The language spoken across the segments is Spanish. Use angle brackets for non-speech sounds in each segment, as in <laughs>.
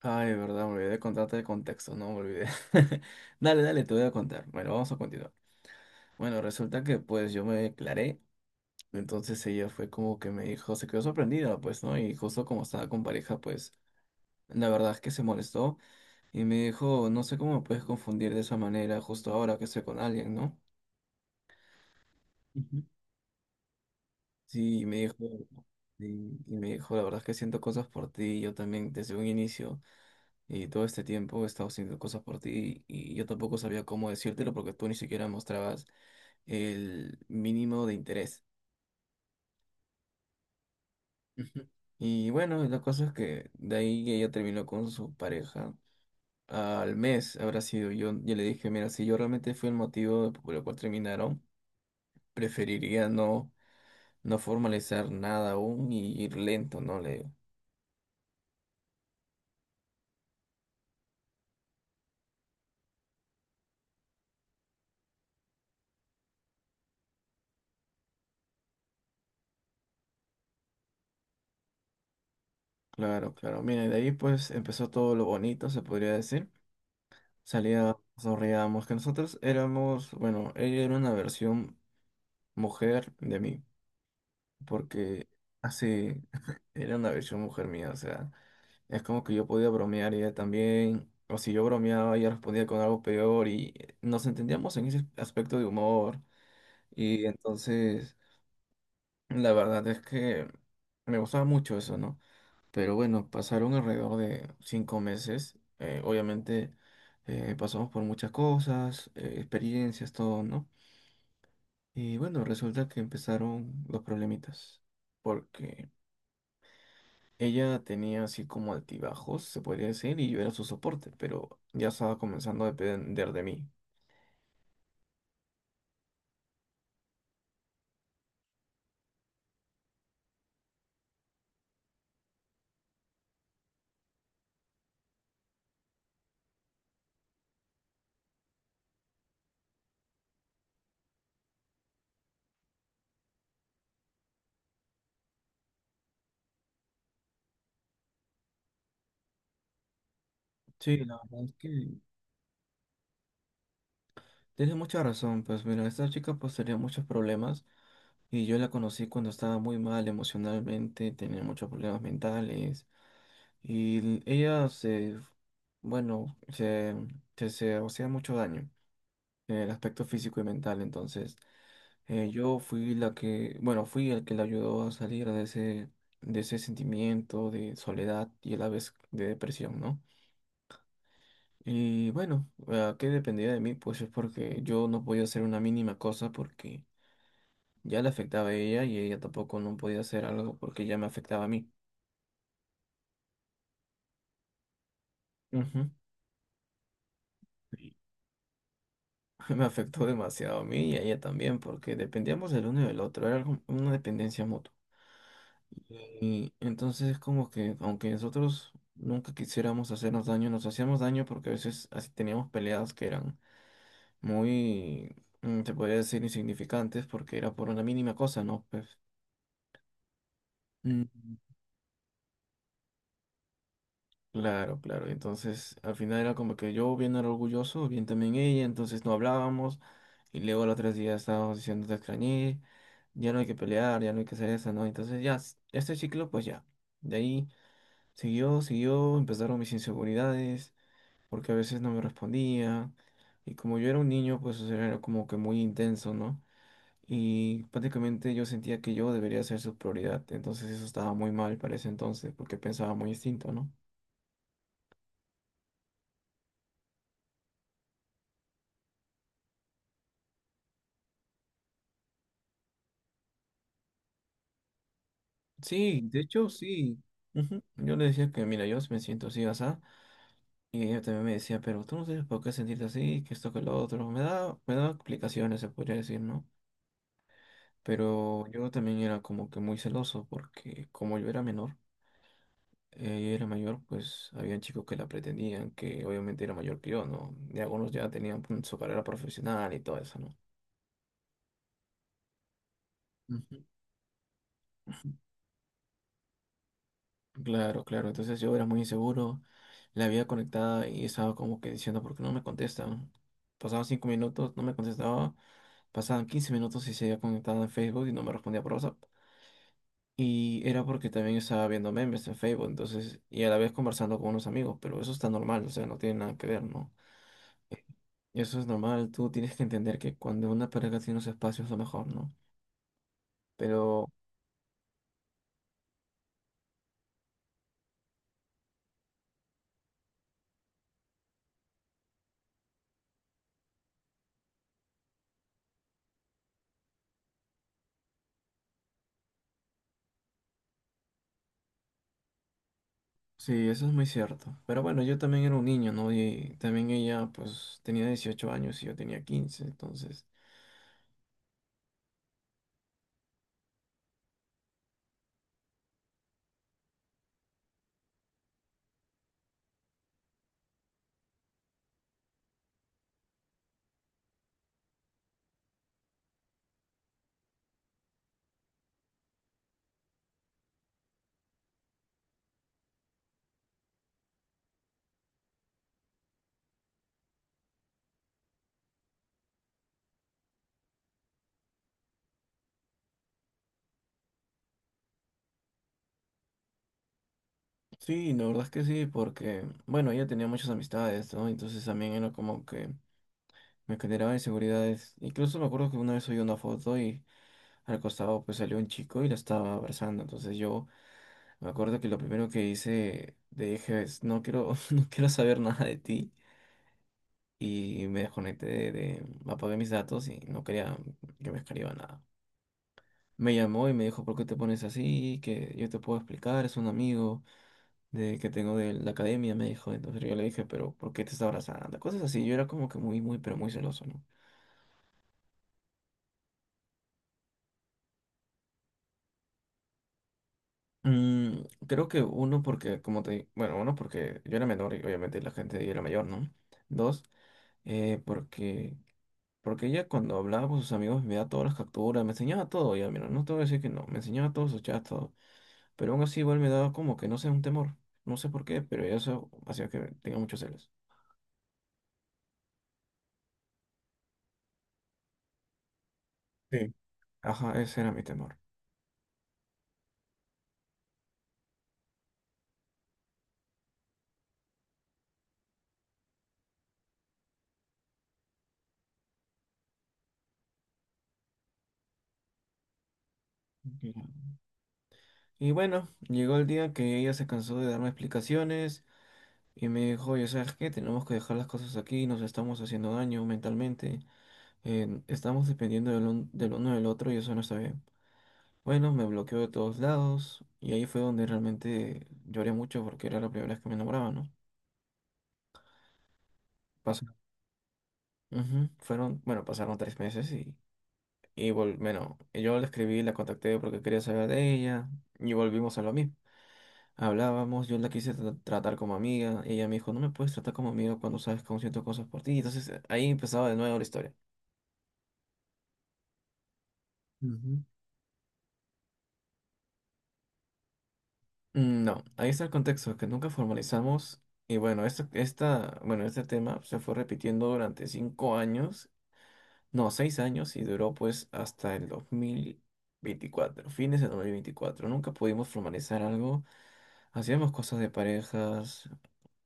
Ay, verdad, me olvidé de contarte el contexto, no me olvidé. <laughs> Dale, dale, te voy a contar. Bueno, vamos a continuar. Bueno, resulta que pues yo me declaré, entonces ella fue como que me dijo, se quedó sorprendida, pues, ¿no? Y justo como estaba con pareja, pues, la verdad es que se molestó y me dijo, no sé cómo me puedes confundir de esa manera justo ahora que estoy con alguien, ¿no? Ujú. Sí, y me dijo, y, y me dijo, la verdad es que siento cosas por ti, yo también desde un inicio. Y todo este tiempo he estado haciendo cosas por ti y yo tampoco sabía cómo decírtelo porque tú ni siquiera mostrabas el mínimo de interés. Ujú. Y bueno, la cosa es que de ahí ella terminó con su pareja. Al mes habrá sido yo le dije, mira, si yo realmente fui el motivo por el cual terminaron, preferiría no formalizar nada aún y ir lento, ¿no? Le digo. Claro, claro. Mira, y de ahí pues empezó todo lo bonito, se podría decir. Salía dormíamos, que nosotros éramos, bueno, ella era una versión mujer de mí, porque así <laughs> era una versión mujer mía, o sea, es como que yo podía bromear y ella también, o si yo bromeaba, ella respondía con algo peor y nos entendíamos en ese aspecto de humor y entonces la verdad es que me gustaba mucho eso, ¿no? Pero bueno, pasaron alrededor de 5 meses. Obviamente pasamos por muchas cosas, experiencias, todo, ¿no? Y bueno, resulta que empezaron los problemitas. Porque ella tenía así como altibajos, se podría decir, y yo era su soporte, pero ya estaba comenzando a depender de mí. Sí, la verdad es que tienes mucha razón. Pues mira, esta chica pues tenía muchos problemas. Y yo la conocí cuando estaba muy mal emocionalmente, tenía muchos problemas mentales. Y ella se, bueno, se hacía mucho daño en el aspecto físico y mental. Entonces, yo fui el que la ayudó a salir de ese sentimiento de soledad y a la vez de depresión, ¿no? Y bueno, ¿a qué dependía de mí? Pues es porque yo no podía hacer una mínima cosa porque ya le afectaba a ella y ella tampoco no podía hacer algo porque ya me afectaba a mí. Ujú. <laughs> Me afectó demasiado a mí y a ella también, porque dependíamos del uno y del otro, era una dependencia mutua. Y entonces es como que, aunque nosotros nunca quisiéramos hacernos daño, nos hacíamos daño porque a veces así teníamos peleas que eran muy, se podría decir, insignificantes, porque era por una mínima cosa, ¿no? Pues. Claro, claro. Entonces, al final era como que yo bien era orgulloso, bien también ella, entonces no hablábamos. Y luego los 3 días estábamos diciendo te extrañé, ya no hay que pelear, ya no hay que hacer eso, ¿no? Entonces ya, este ciclo, pues ya. De ahí siguió, siguió, empezaron mis inseguridades, porque a veces no me respondía. Y como yo era un niño, pues o sea, era como que muy intenso, ¿no? Y prácticamente yo sentía que yo debería ser su prioridad. Entonces eso estaba muy mal para ese entonces, porque pensaba muy distinto, ¿no? Sí, de hecho, sí. Ujú. Yo le decía que, mira, yo sí me siento así, asá. Y ella también me decía, pero tú no tienes por qué sentirte así, que esto, que lo otro. Me da explicaciones, se podría decir, ¿no? Pero yo también era como que muy celoso, porque como yo era menor, ella era mayor, pues había chicos que la pretendían, que obviamente era mayor que yo, ¿no? Y algunos ya tenían pues, su carrera profesional y todo eso, ¿no? Ujú. Claro, claro. Entonces yo era muy inseguro, la había conectada y estaba como que diciendo, ¿por qué no me contestan? Pasaban 5 minutos, no me contestaba. Pasaban 15 minutos y se había conectado en Facebook y no me respondía por WhatsApp. Y era porque también estaba viendo memes en Facebook, entonces, y a la vez conversando con unos amigos, pero eso está normal, o sea, no tiene nada que ver, ¿no? Eso es normal, tú tienes que entender que cuando una pareja tiene unos espacios es lo mejor, ¿no? Pero. Sí, eso es muy cierto. Pero bueno, yo también era un niño, ¿no? Y también ella, pues, tenía 18 años y yo tenía 15. Entonces, sí, la verdad es que sí, porque, bueno, ella tenía muchas amistades, ¿no? Entonces también era como que me generaba inseguridades. Incluso me acuerdo que una vez subí una foto y al costado, pues, salió un chico y la estaba abrazando. Entonces yo me acuerdo que lo primero que hice, le dije, no quiero, <laughs> no quiero saber nada de ti. Y me desconecté apagué mis datos y no quería que me escriba nada. Me llamó y me dijo, ¿por qué te pones así? Que yo te puedo explicar, es un amigo que tengo de la academia, me dijo. Entonces yo le dije, pero ¿por qué te está abrazando? Cosas así, yo era como que muy, muy, pero muy celoso, ¿no? Creo que uno porque, como te, di- bueno, uno porque yo era menor y obviamente la gente ahí era mayor, ¿no? Dos, porque, porque ella cuando hablaba con sus amigos me da todas las capturas, me enseñaba todo, ya, mira, no te voy a decir que no, me enseñaba todos sus chats, todo. Pero aún así igual me daba como que no sé, un temor. No sé por qué, pero eso hacía que tenga muchos celos. Sí. Ajá, ese era mi temor. Ujú. Y bueno, llegó el día que ella se cansó de darme explicaciones y me dijo, oye, ¿sabes qué? Tenemos que dejar las cosas aquí, nos estamos haciendo daño mentalmente, estamos dependiendo del uno del otro y eso no está bien. Bueno, me bloqueó de todos lados y ahí fue donde realmente lloré mucho porque era la primera vez que me enamoraba, ¿no? Pasó. Ujú. Pasaron 3 meses y yo la escribí, la contacté porque quería saber de ella y volvimos a lo mismo. Hablábamos, yo la quise tratar como amiga, ella me dijo, no me puedes tratar como amiga cuando sabes cómo siento cosas por ti. Entonces ahí empezaba de nuevo la historia. Ujú. No, ahí está el contexto, que nunca formalizamos. Y bueno, este tema se fue repitiendo durante 5 años, no, 6 años, y duró pues hasta el 2024, fines de 2024. Nunca pudimos formalizar algo, hacíamos cosas de parejas.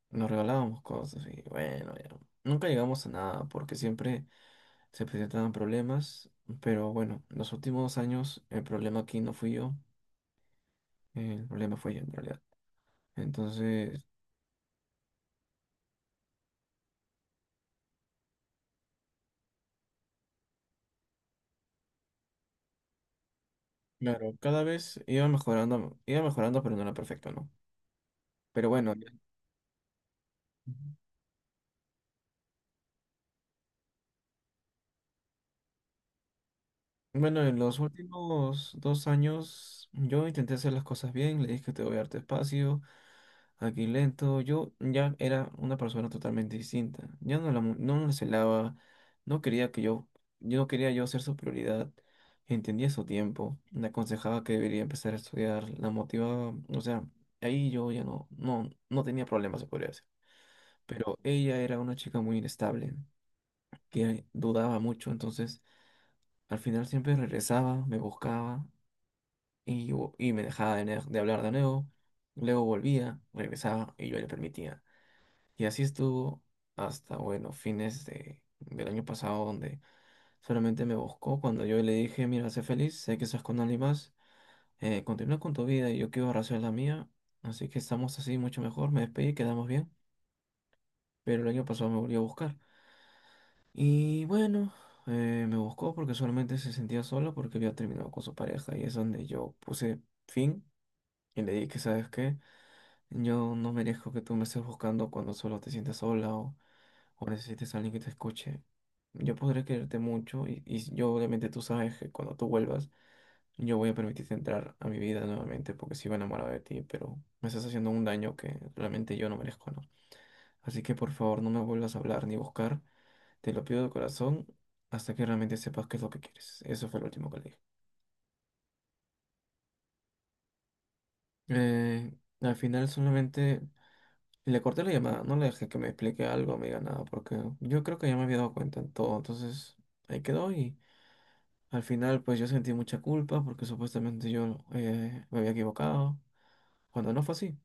Nos regalábamos cosas y bueno, ya. Nunca llegamos a nada porque siempre se presentaban problemas, pero bueno, los últimos años el problema aquí no fui yo, el problema fue ella en realidad. Entonces, claro, cada vez iba mejorando, pero no era perfecto, ¿no? Pero bueno, ya. Bueno, en los últimos 2 años yo intenté hacer las cosas bien, le dije que te voy a darte espacio, aquí lento, yo ya era una persona totalmente distinta, ya no la celaba, no quería que yo no quería yo ser su prioridad, entendía su tiempo, me aconsejaba que debería empezar a estudiar, la motivaba, o sea, ahí yo ya no tenía problemas, se podría decir, pero ella era una chica muy inestable, que dudaba mucho, entonces... Al final siempre regresaba, me buscaba y me dejaba de hablar de nuevo. Luego volvía, regresaba y yo le permitía. Y así estuvo hasta, bueno, fines del año pasado, donde solamente me buscó cuando yo le dije, mira, sé feliz, sé que estás con alguien más, continúa con tu vida y yo quiero hacer la mía. Así que estamos así mucho mejor, me despedí, quedamos bien. Pero el año pasado me volvió a buscar. Y bueno, me buscó porque solamente se sentía solo porque había terminado con su pareja y es donde yo puse fin y le dije, ¿sabes qué? Yo no merezco que tú me estés buscando cuando solo te sientes sola o necesites a alguien que te escuche. Yo podré quererte mucho y yo obviamente tú sabes que cuando tú vuelvas yo voy a permitirte entrar a mi vida nuevamente porque sigo enamorado de ti, pero me estás haciendo un daño que realmente yo no merezco, ¿no? Así que por favor no me vuelvas a hablar ni buscar, te lo pido de corazón hasta que realmente sepas qué es lo que quieres. Eso fue lo último que le dije. Eh, al final solamente... Le corté la llamada, no le dejé que me explique algo, me diga nada, porque yo creo que ya me había dado cuenta en todo. Entonces, ahí quedó y al final pues yo sentí mucha culpa porque supuestamente yo me había equivocado, cuando no fue así.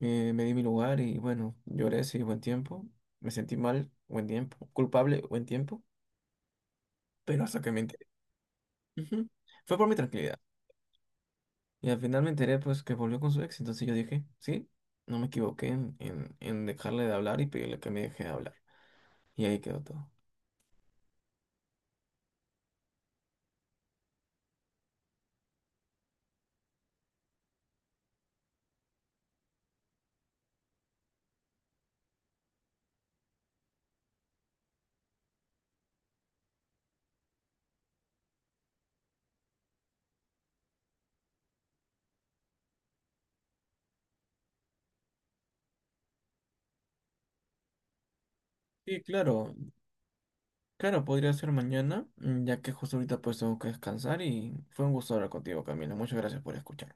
Me di mi lugar y bueno, lloré, sí, buen tiempo. Me sentí mal, buen tiempo. Culpable, buen tiempo. Pero hasta que me enteré. Ujú. Fue por mi tranquilidad. Y al final me enteré pues que volvió con su ex, entonces yo dije, sí, no me equivoqué en dejarle de hablar y pedirle que me deje de hablar. Y ahí quedó todo. Sí, claro, claro, podría ser mañana, ya que justo ahorita pues tengo que descansar y fue un gusto hablar contigo, Camilo. Muchas gracias por escuchar.